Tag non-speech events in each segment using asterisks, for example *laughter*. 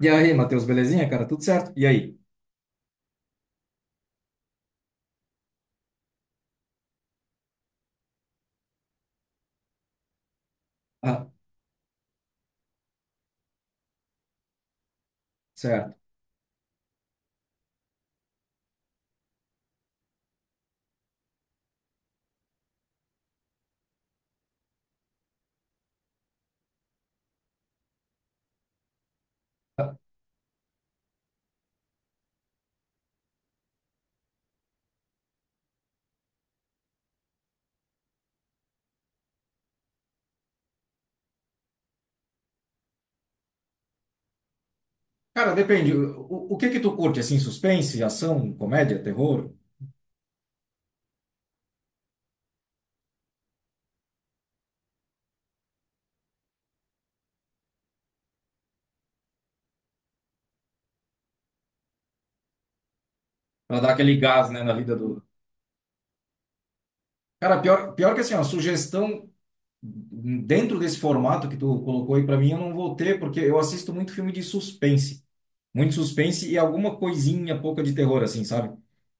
E aí, Matheus, belezinha, cara? Tudo certo? E aí? Ah, certo. Cara, depende. O que que tu curte, assim, suspense, ação, comédia, terror? Pra dar aquele gás, né, na vida do. Cara, pior, pior que assim, ó, sugestão dentro desse formato que tu colocou aí pra mim, eu não vou ter, porque eu assisto muito filme de suspense. Muito suspense e alguma coisinha pouca de terror, assim, sabe?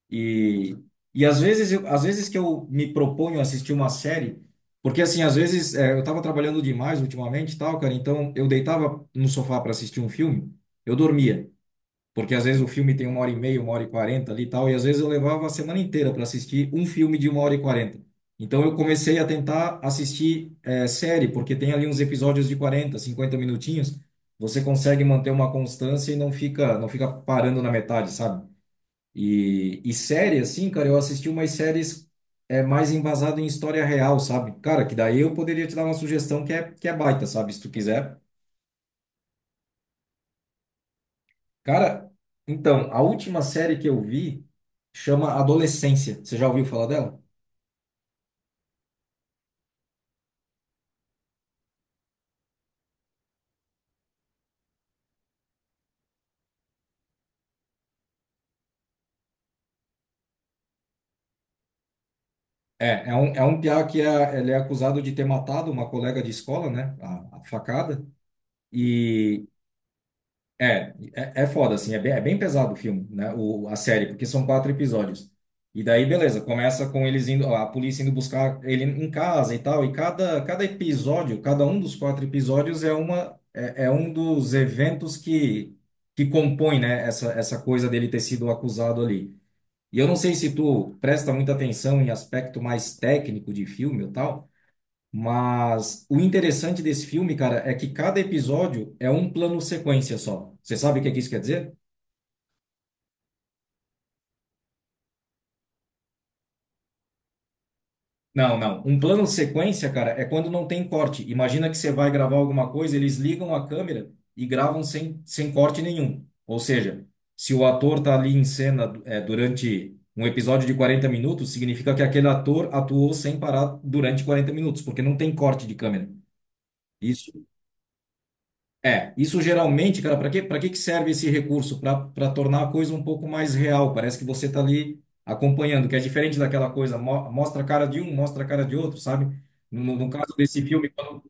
E, e às vezes, às vezes que eu me proponho a assistir uma série, porque assim, às vezes eu estava trabalhando demais ultimamente, e tal, cara, então eu deitava no sofá para assistir um filme, eu dormia, porque às vezes o filme tem uma hora e meia, uma hora e quarenta ali e tal, e às vezes eu levava a semana inteira para assistir um filme de uma hora e quarenta. Então eu comecei a tentar assistir série, porque tem ali uns episódios de 40 50 minutinhos, você consegue manter uma constância e não fica parando na metade, sabe? E série, assim, cara, eu assisti umas séries mais embasado em história real, sabe? Cara, que daí eu poderia te dar uma sugestão que é baita, sabe? Se tu quiser. Cara, então, a última série que eu vi chama Adolescência. Você já ouviu falar dela? É, é um piá ele é acusado de ter matado uma colega de escola, né? A facada. E, é foda, assim, é bem pesado o filme, né? A série, porque são quatro episódios. E daí, beleza, começa com eles indo, a polícia indo buscar ele em casa e tal. E cada episódio, cada um dos quatro episódios é uma, é, é um dos eventos que compõe, né, essa coisa dele ter sido acusado ali. E eu não sei se tu presta muita atenção em aspecto mais técnico de filme ou tal, mas o interessante desse filme, cara, é que cada episódio é um plano sequência só. Você sabe o que é que isso quer dizer? Não, não. Um plano sequência, cara, é quando não tem corte. Imagina que você vai gravar alguma coisa, eles ligam a câmera e gravam sem corte nenhum. Ou seja, se o ator tá ali em cena durante um episódio de 40 minutos, significa que aquele ator atuou sem parar durante 40 minutos, porque não tem corte de câmera. Isso. É, isso geralmente, cara, para quê? Para que que serve esse recurso? Para tornar a coisa um pouco mais real. Parece que você está ali acompanhando, que é diferente daquela coisa, mo- mostra a cara de um, mostra a cara de outro, sabe? No caso desse filme,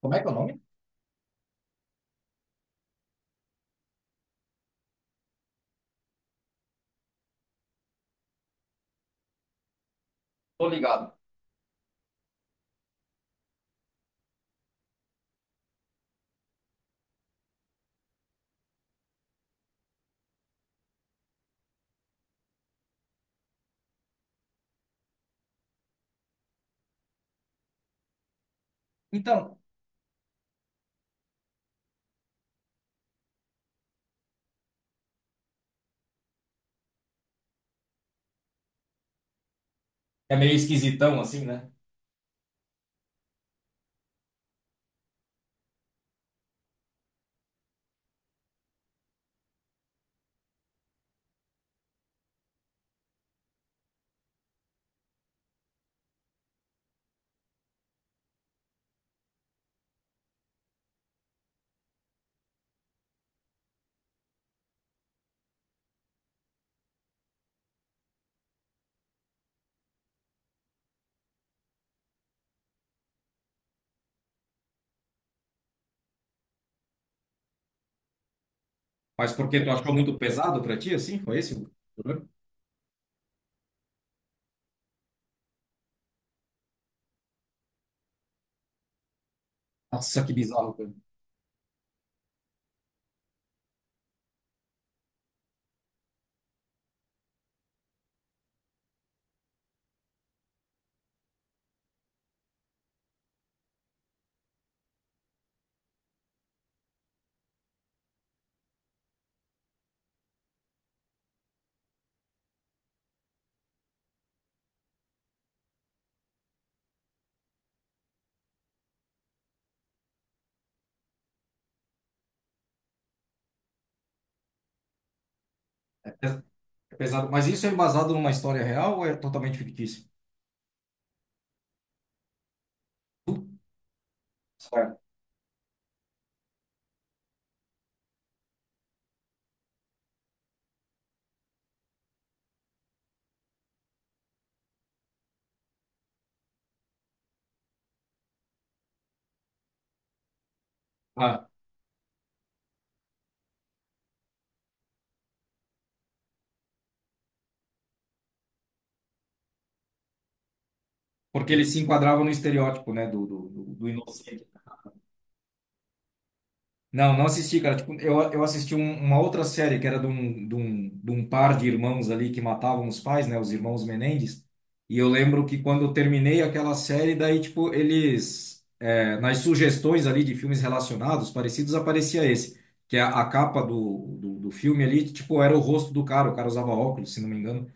como é que é o nome? Tô ligado. Então, é meio esquisitão assim, né? Mas porque tu achou muito pesado para ti, assim? Foi esse o problema? Nossa, que bizarro, cara. É pes- é pesado. Mas isso é embasado numa história real ou é totalmente fictício? Certo. Ah, porque ele se enquadrava no estereótipo, né, do, do, do inocente. Não, não assisti, cara. Tipo, eu assisti uma outra série que era de um par de irmãos ali que matavam os pais, né? Os irmãos Menendez. E eu lembro que quando eu terminei aquela série, daí, tipo, eles, nas sugestões ali de filmes relacionados, parecidos, aparecia esse, que é a capa do filme ali, tipo, era o rosto do cara. O cara usava óculos, se não me engano.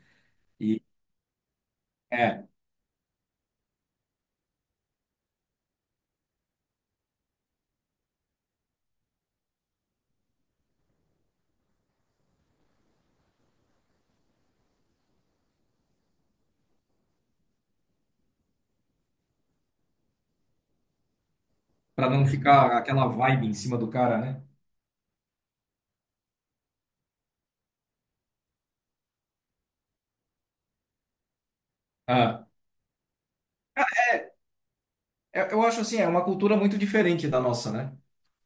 E é, para não ficar aquela vibe em cima do cara, né? Ah, eu acho assim, é uma cultura muito diferente da nossa, né?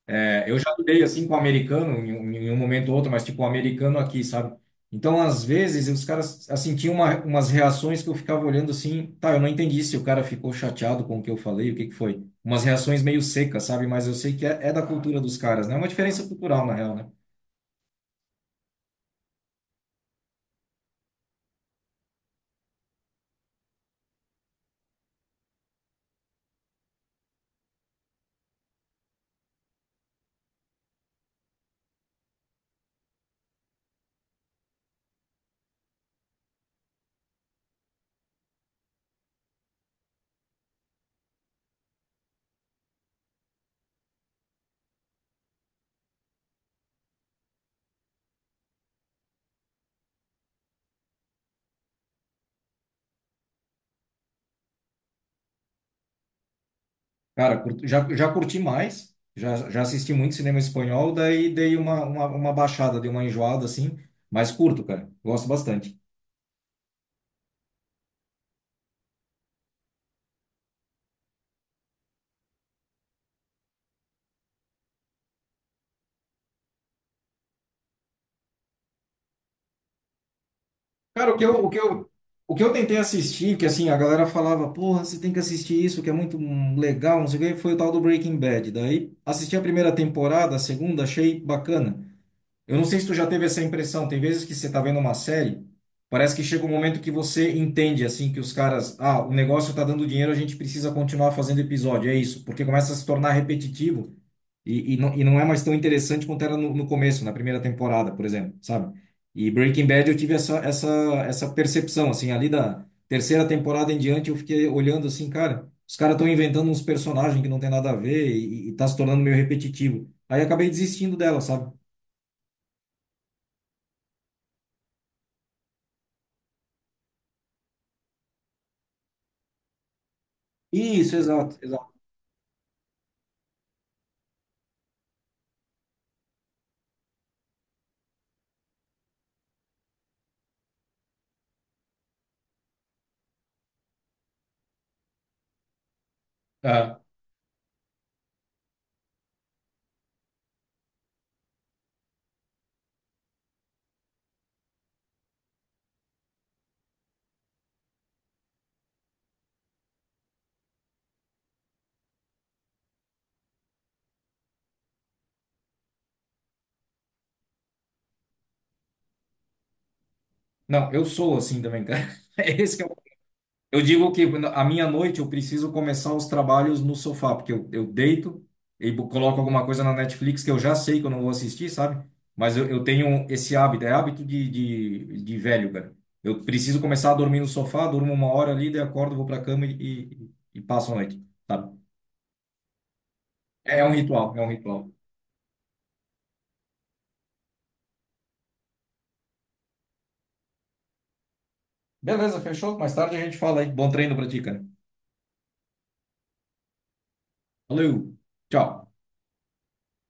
É, eu já lidei assim com o americano em um momento ou outro, mas tipo o americano aqui, sabe? Então, às vezes, os caras assim tinham umas reações que eu ficava olhando assim, tá, eu não entendi se o cara ficou chateado com o que eu falei, o que que foi? Umas reações meio secas, sabe? Mas eu sei que é da cultura dos caras, né? É uma diferença cultural, na real, né? Cara, já curti mais, já assisti muito cinema espanhol, daí dei uma baixada, dei uma enjoada assim, mas curto, cara, gosto bastante. Cara, o que eu, o que eu, o que eu tentei assistir, que assim, a galera falava, porra, você tem que assistir isso, que é muito legal, não sei o quê, foi o tal do Breaking Bad. Daí assisti a primeira temporada, a segunda, achei bacana. Eu não sei se tu já teve essa impressão. Tem vezes que você tá vendo uma série, parece que chega um momento que você entende, assim, que os caras, ah, o negócio tá dando dinheiro, a gente precisa continuar fazendo episódio. É isso, porque começa a se tornar repetitivo e não é mais tão interessante quanto era no começo, na primeira temporada, por exemplo, sabe? E Breaking Bad eu tive essa percepção, assim, ali da terceira temporada em diante eu fiquei olhando assim, cara, os caras estão inventando uns personagens que não tem nada a ver e tá se tornando meio repetitivo. Aí acabei desistindo dela, sabe? Isso, exato, exato. Ah, não, eu sou assim também, cara. *laughs* É esse que eu digo que a minha noite eu preciso começar os trabalhos no sofá, porque eu deito e coloco alguma coisa na Netflix que eu já sei que eu não vou assistir, sabe? Mas eu tenho esse hábito, é hábito de velho, cara. Eu preciso começar a dormir no sofá, durmo uma hora ali, daí acordo, vou pra cama e passo a noite, sabe? É um ritual, é um ritual. Beleza, fechou? Mais tarde a gente fala aí. Bom treino pra ti, cara. Valeu, tchau.